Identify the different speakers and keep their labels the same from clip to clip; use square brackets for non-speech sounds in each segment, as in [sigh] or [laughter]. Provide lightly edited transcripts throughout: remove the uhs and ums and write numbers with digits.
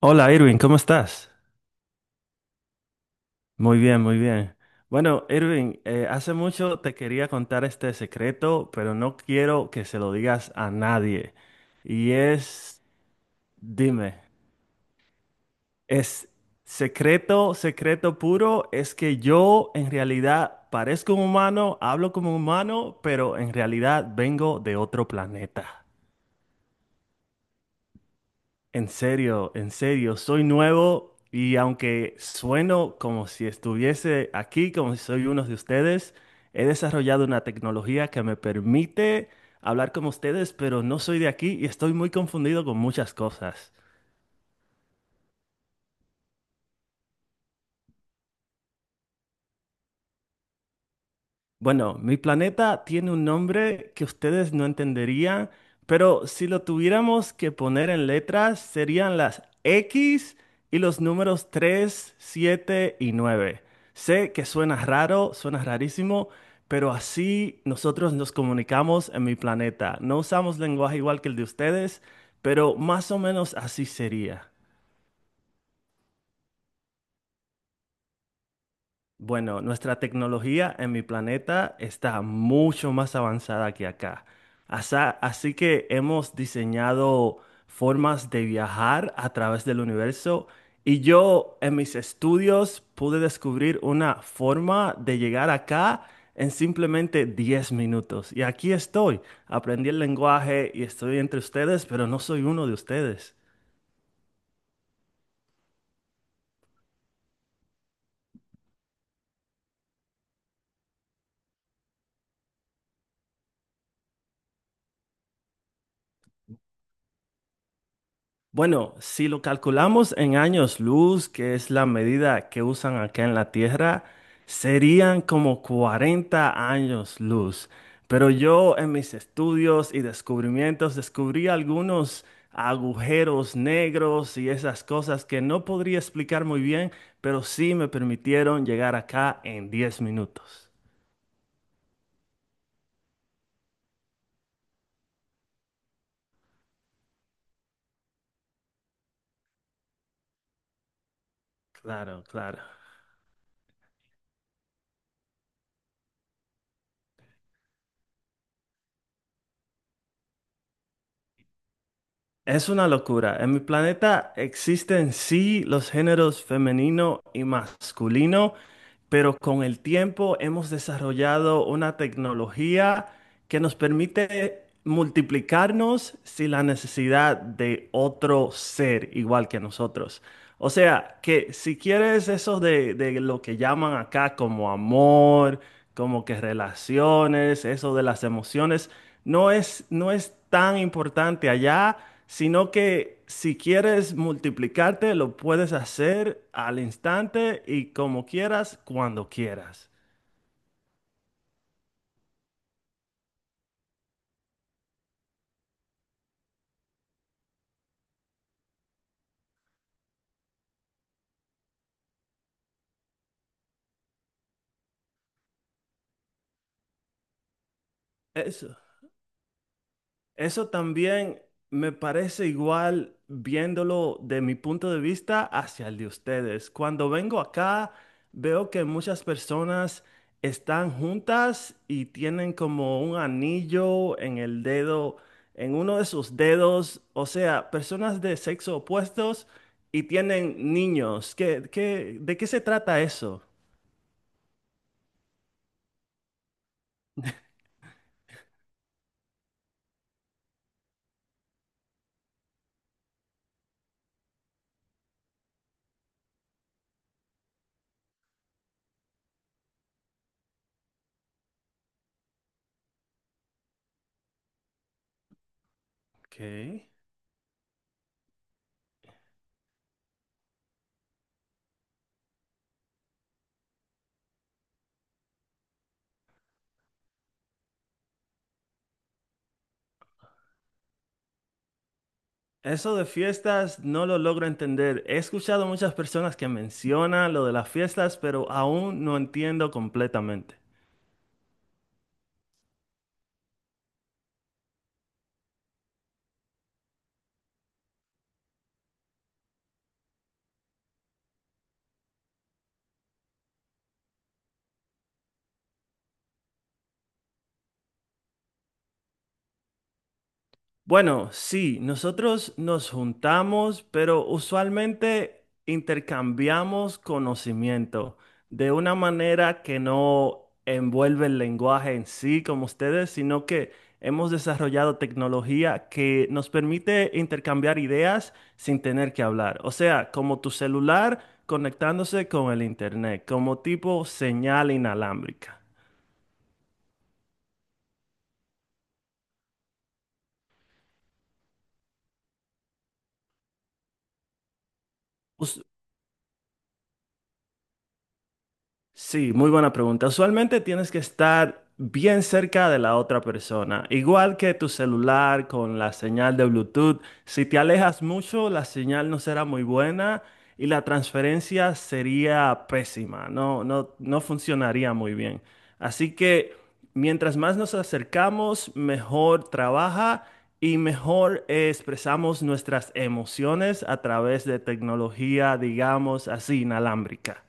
Speaker 1: Hola Irving, ¿cómo estás? Muy bien, muy bien. Bueno, Irving, hace mucho te quería contar este secreto, pero no quiero que se lo digas a nadie. Y es, dime, es secreto, secreto puro, es que yo en realidad parezco un humano, hablo como un humano, pero en realidad vengo de otro planeta. En serio, soy nuevo y aunque sueno como si estuviese aquí, como si soy uno de ustedes, he desarrollado una tecnología que me permite hablar como ustedes, pero no soy de aquí y estoy muy confundido con muchas cosas. Bueno, mi planeta tiene un nombre que ustedes no entenderían, pero si lo tuviéramos que poner en letras, serían las X y los números 3, 7 y 9. Sé que suena raro, suena rarísimo, pero así nosotros nos comunicamos en mi planeta. No usamos lenguaje igual que el de ustedes, pero más o menos así sería. Bueno, nuestra tecnología en mi planeta está mucho más avanzada que acá. Así que hemos diseñado formas de viajar a través del universo y yo en mis estudios pude descubrir una forma de llegar acá en simplemente 10 minutos. Y aquí estoy, aprendí el lenguaje y estoy entre ustedes, pero no soy uno de ustedes. Bueno, si lo calculamos en años luz, que es la medida que usan acá en la Tierra, serían como 40 años luz. Pero yo en mis estudios y descubrimientos descubrí algunos agujeros negros y esas cosas que no podría explicar muy bien, pero sí me permitieron llegar acá en 10 minutos. Claro, claro. Es una locura. En mi planeta existen sí los géneros femenino y masculino, pero con el tiempo hemos desarrollado una tecnología que nos permite multiplicarnos sin la necesidad de otro ser igual que nosotros. O sea, que si quieres eso de lo que llaman acá como amor, como que relaciones, eso de las emociones, no es tan importante allá, sino que si quieres multiplicarte, lo puedes hacer al instante y como quieras, cuando quieras. Eso, eso también me parece igual viéndolo de mi punto de vista hacia el de ustedes. Cuando vengo acá, veo que muchas personas están juntas y tienen como un anillo en el dedo, en uno de sus dedos, o sea, personas de sexo opuestos y tienen niños. ¿ De qué se trata eso? Ok. Eso de fiestas no lo logro entender. He escuchado muchas personas que mencionan lo de las fiestas, pero aún no entiendo completamente. Bueno, sí, nosotros nos juntamos, pero usualmente intercambiamos conocimiento de una manera que no envuelve el lenguaje en sí como ustedes, sino que hemos desarrollado tecnología que nos permite intercambiar ideas sin tener que hablar. O sea, como tu celular conectándose con el internet, como tipo señal inalámbrica. Us- Sí, muy buena pregunta. Usualmente tienes que estar bien cerca de la otra persona. Igual que tu celular con la señal de Bluetooth, si te alejas mucho, la señal no será muy buena y la transferencia sería pésima. No, no, no funcionaría muy bien. Así que mientras más nos acercamos, mejor trabaja y mejor expresamos nuestras emociones a través de tecnología, digamos así, inalámbrica.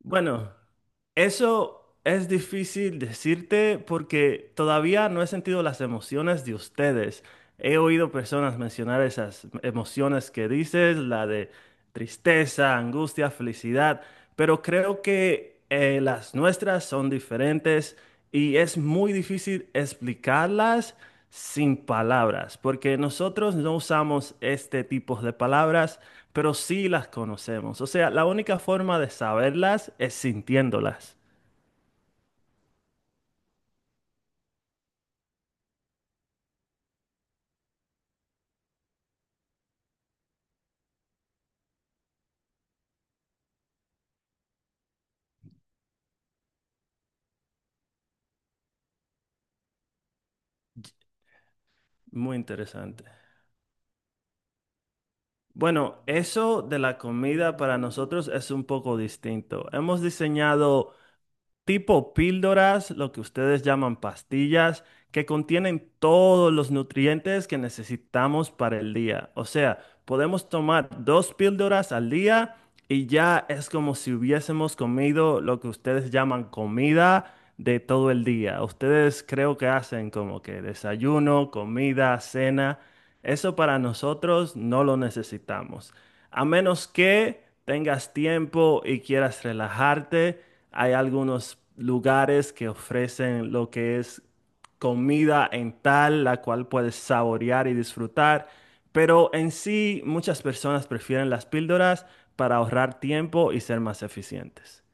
Speaker 1: Bueno, eso es difícil decirte porque todavía no he sentido las emociones de ustedes. He oído personas mencionar esas emociones que dices, la de tristeza, angustia, felicidad, pero creo que las nuestras son diferentes y es muy difícil explicarlas sin palabras, porque nosotros no usamos este tipo de palabras, pero sí las conocemos. O sea, la única forma de saberlas es sintiéndolas. Muy interesante. Bueno, eso de la comida para nosotros es un poco distinto. Hemos diseñado tipo píldoras, lo que ustedes llaman pastillas, que contienen todos los nutrientes que necesitamos para el día. O sea, podemos tomar dos píldoras al día y ya es como si hubiésemos comido lo que ustedes llaman comida de todo el día. Ustedes creo que hacen como que desayuno, comida, cena. Eso para nosotros no lo necesitamos. A menos que tengas tiempo y quieras relajarte, hay algunos lugares que ofrecen lo que es comida en tal, la cual puedes saborear y disfrutar. Pero en sí, muchas personas prefieren las píldoras para ahorrar tiempo y ser más eficientes.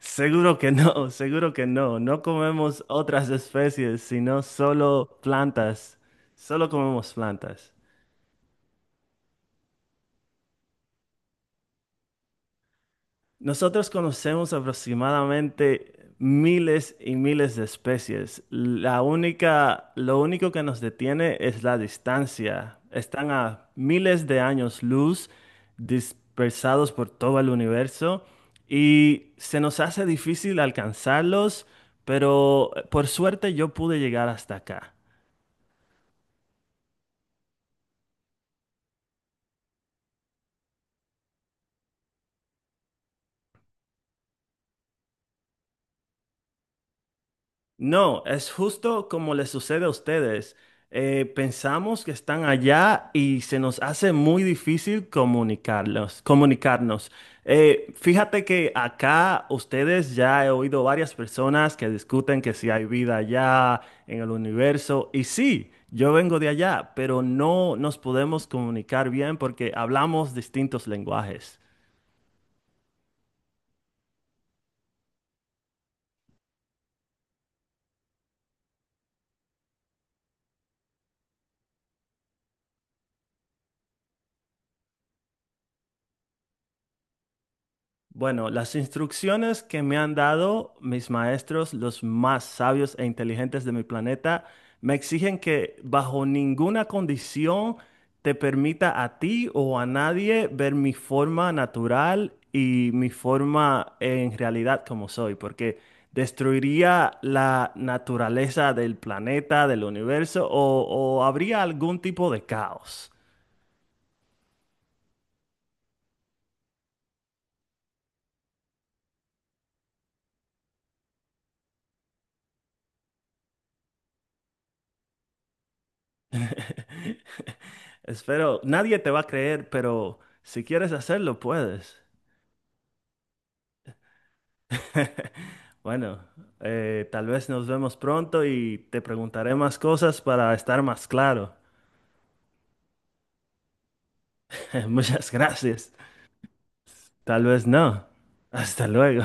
Speaker 1: Seguro que no, [laughs] seguro que no. No comemos otras especies, sino solo plantas. Solo comemos plantas. Nosotros conocemos aproximadamente miles y miles de especies. La única, lo único que nos detiene es la distancia. Están a miles de años luz, dispersados por todo el universo, y se nos hace difícil alcanzarlos, pero por suerte yo pude llegar hasta acá. No, es justo como les sucede a ustedes. Pensamos que están allá y se nos hace muy difícil comunicarlos, comunicarnos. Fíjate que acá ustedes ya he oído varias personas que discuten que si hay vida allá en el universo. Y sí, yo vengo de allá, pero no nos podemos comunicar bien porque hablamos distintos lenguajes. Bueno, las instrucciones que me han dado mis maestros, los más sabios e inteligentes de mi planeta, me exigen que bajo ninguna condición te permita a ti o a nadie ver mi forma natural y mi forma en realidad como soy, porque destruiría la naturaleza del planeta, del universo o habría algún tipo de caos. [laughs] Espero, nadie te va a creer, pero si quieres hacerlo, puedes. [laughs] Bueno, tal vez nos vemos pronto y te preguntaré más cosas para estar más claro. [laughs] Muchas gracias. Tal vez no. Hasta luego.